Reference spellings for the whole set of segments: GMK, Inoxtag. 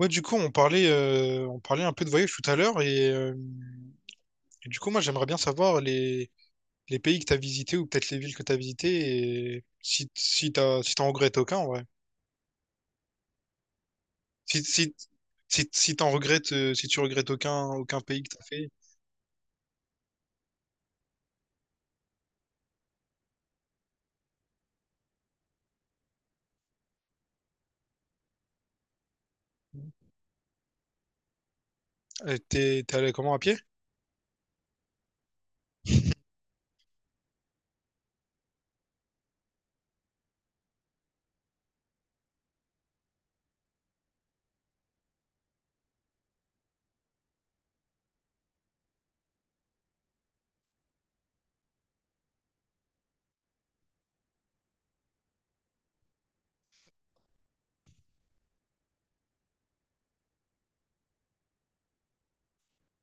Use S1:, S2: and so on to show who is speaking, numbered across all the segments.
S1: Ouais, du coup, on parlait un peu de voyage tout à l'heure et du coup, moi, j'aimerais bien savoir les pays que t'as visités ou peut-être les villes que t'as visitées et si t'en regrettes aucun, en vrai. Si, si, Si t'en regrettes, si tu regrettes aucun pays que t'as fait, t'es allé comment à pied?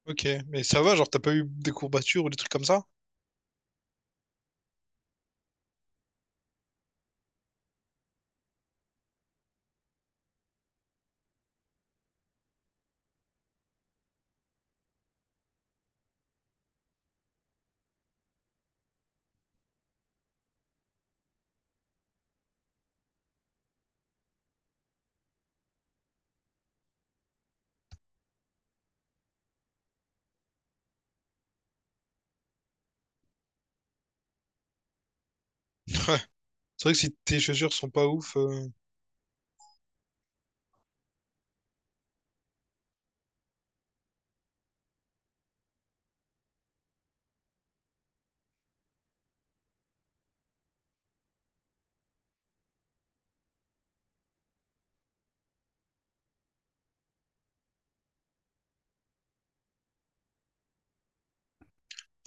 S1: Ok, mais ça va, genre, t'as pas eu des courbatures ou des trucs comme ça? Ouais, c'est vrai que si tes chaussures sont pas ouf,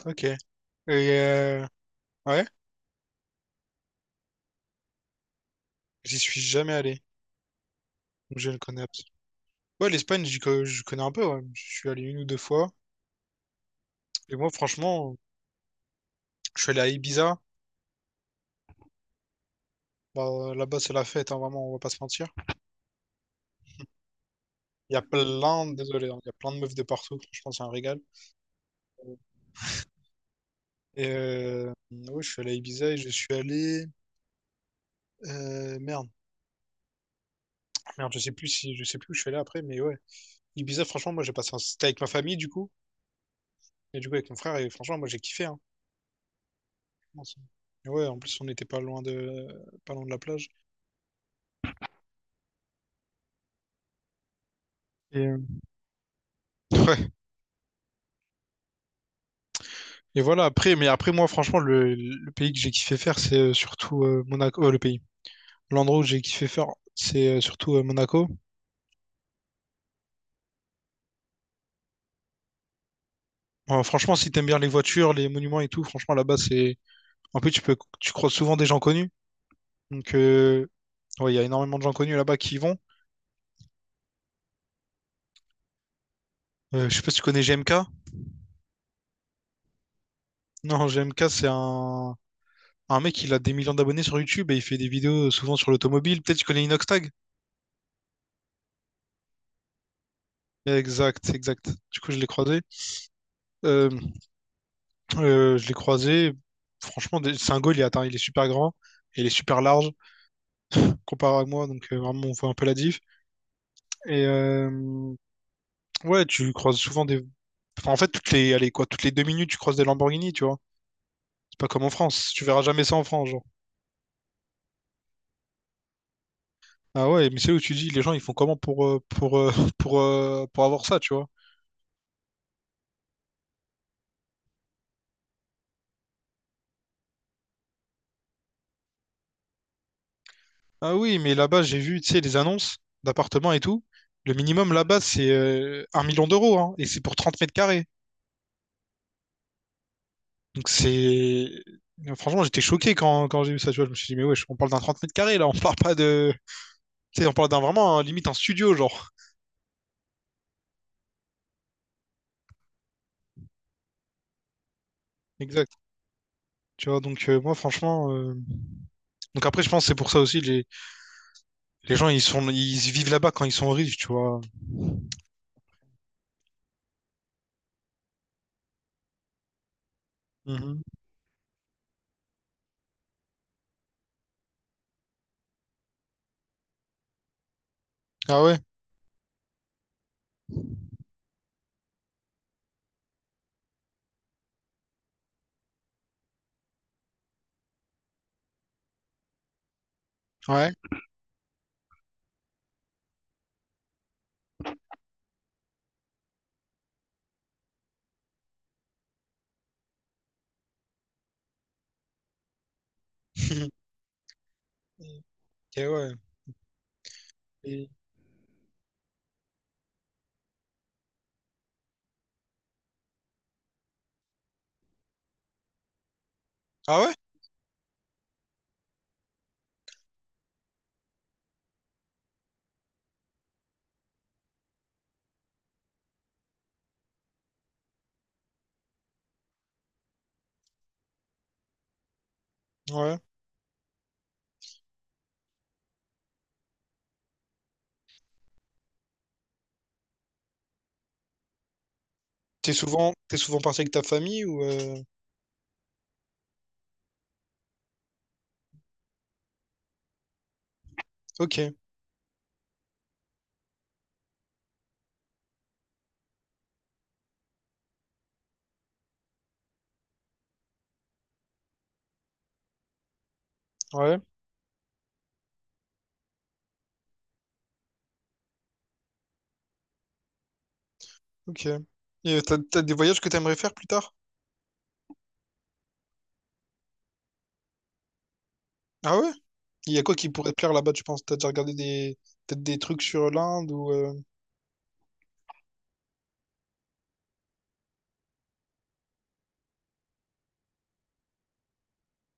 S1: ok. Et euh, ouais, j'y suis jamais allé, donc je ne connais absolument. Ouais, l'Espagne, je connais un peu, ouais. Je suis allé une ou deux fois. Et moi, franchement, je suis allé à Ibiza. Bah, là-bas, c'est la fête, hein, vraiment, on va pas se mentir. Il y a plein, désolé, hein, il y a plein de meufs de partout. Franchement, c'est un régal. Et ouais, je suis allé à Ibiza et je suis allé. euh, merde, Merde, je sais plus si, je sais plus où je suis allé après, mais ouais. Ibiza, franchement, moi, j'ai passé un. C'était avec ma famille, du coup, et du coup, avec mon frère, et franchement, moi, j'ai kiffé. Hein. Franchement, c'est- et ouais, en plus, on n'était pas loin de, pas loin de la plage. Et, ouais. Et voilà, après, mais après, moi, franchement, le pays que j'ai kiffé faire, c'est surtout Monaco, le pays. L'endroit où j'ai kiffé faire, c'est surtout Monaco. Franchement, si t'aimes bien les voitures, les monuments et tout, franchement, là-bas, c'est. En plus, tu peux, tu croises souvent des gens connus. Donc, ouais, il y a énormément de gens connus là-bas qui y vont. Je sais pas si tu connais GMK. Non, GMK, c'est un. Un mec, il a des millions d'abonnés sur YouTube et il fait des vidéos souvent sur l'automobile. Peut-être que tu connais Inoxtag? Exact, exact. Du coup, je l'ai croisé. Euh, je l'ai croisé. Franchement, c'est un goal, il est, attends, il est super grand et il est super large comparé à moi. Donc, vraiment, on voit un peu la diff. Et ouais, tu croises souvent des. Enfin, en fait, toutes les, allez, quoi, toutes les deux minutes, tu croises des Lamborghini, tu vois. C'est pas comme en France. Tu verras jamais ça en France, genre. Ah ouais, mais c'est où tu dis, les gens, ils font comment pour avoir ça, tu vois. Ah oui, mais là-bas, j'ai vu, tu sais, les annonces d'appartements et tout. Le minimum là-bas, c'est un million d'euros, hein, et c'est pour 30 mètres carrés. Donc c'est. Franchement, j'étais choqué quand j'ai vu ça, tu vois. Je me suis dit, mais wesh, on parle d'un 30 mètres carrés, là, on parle pas de. Tu sais, on parle d'un vraiment, hein, limite, un studio, genre. Exact. Tu vois, donc donc après je pense que c'est pour ça aussi les gens ils vivent là-bas quand ils sont riches, tu vois. Mhm. Ah ouais, ouais. Et ouais. Et- Ah ouais? Ouais. T'es souvent parti avec ta famille ou ok, ouais, ok. Et t'as des voyages que t'aimerais faire plus tard? Ah ouais? Il y a quoi qui pourrait te plaire là-bas, tu penses? T'as déjà regardé des peut-être des trucs sur l'Inde ou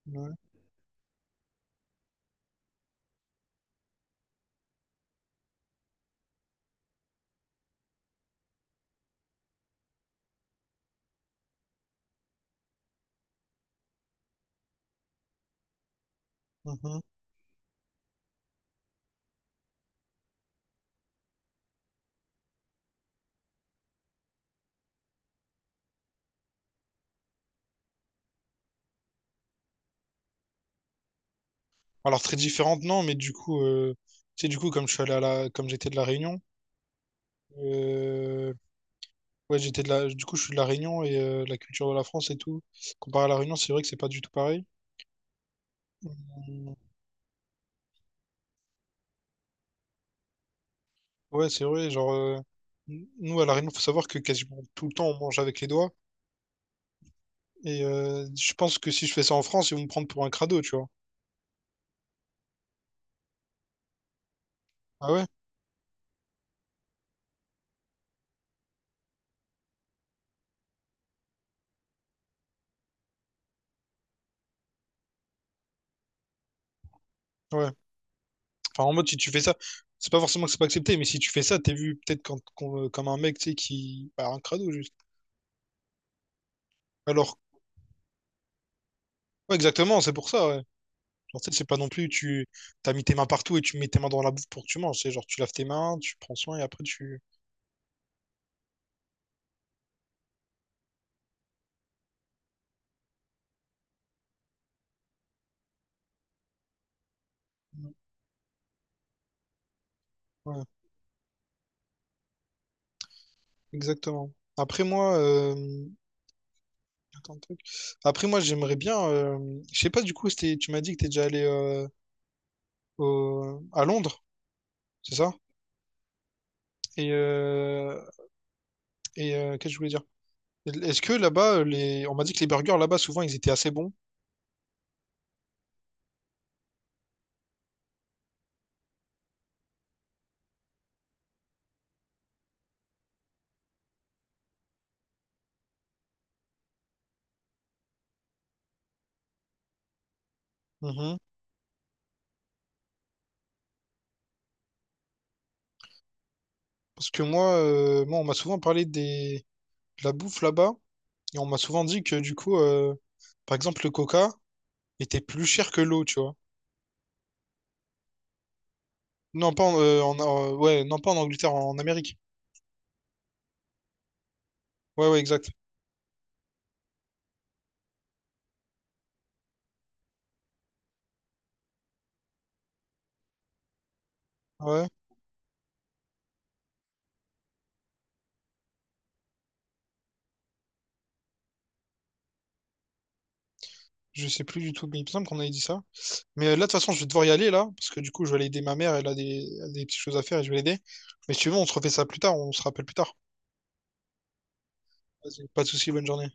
S1: ouais. Mhm. Alors très différentes non, mais du coup tu sais du coup comme je suis allé à la comme j'étais de la Réunion. euh, Ouais, j'étais de la. Du coup, je suis de La Réunion et la culture de la France et tout. Comparé à La Réunion, c'est vrai que c'est pas du tout pareil. Mm, ouais, c'est vrai. Genre, nous, à La Réunion, faut savoir que quasiment tout le temps, on mange avec les doigts. Et je pense que si je fais ça en France, ils vont me prendre pour un crado, tu vois. Ah ouais? Ouais. Enfin, en mode, si tu fais ça, c'est pas forcément que c'est pas accepté, mais si tu fais ça, t'es vu peut-être comme un mec, tu sais, qui. Bah, un crado, juste. Alors, ouais, exactement, c'est pour ça, ouais. Genre, tu sais, c'est pas non plus, tu t'as mis tes mains partout et tu mets tes mains dans la bouffe pour que tu manges. C'est genre, tu laves tes mains, tu prends soin et après, tu. Ouais, exactement. Après moi, euh, Attends, tac. Après moi, j'aimerais bien. Je sais pas du coup, tu m'as dit que t'es déjà allé à Londres, c'est ça? Et et qu'est-ce que je voulais dire? Est-ce que là-bas, on m'a dit que les burgers là-bas souvent ils étaient assez bons. Mhm. Parce que moi, on m'a souvent parlé des de la bouffe là-bas et on m'a souvent dit que du coup, par exemple, le Coca était plus cher que l'eau, tu vois. Non pas en, en- en- ouais, non pas en Angleterre, en Amérique. Ouais, ouais, exact. Ouais. Je sais plus du tout, mais il me semble qu'on avait dit ça. Mais là, de toute façon, je vais devoir y aller là, parce que du coup, je vais aller aider ma mère, elle a elle a des petites choses à faire et je vais l'aider. Mais si tu veux, on se refait ça plus tard, on se rappelle plus tard. Vas-y, pas de soucis, bonne journée.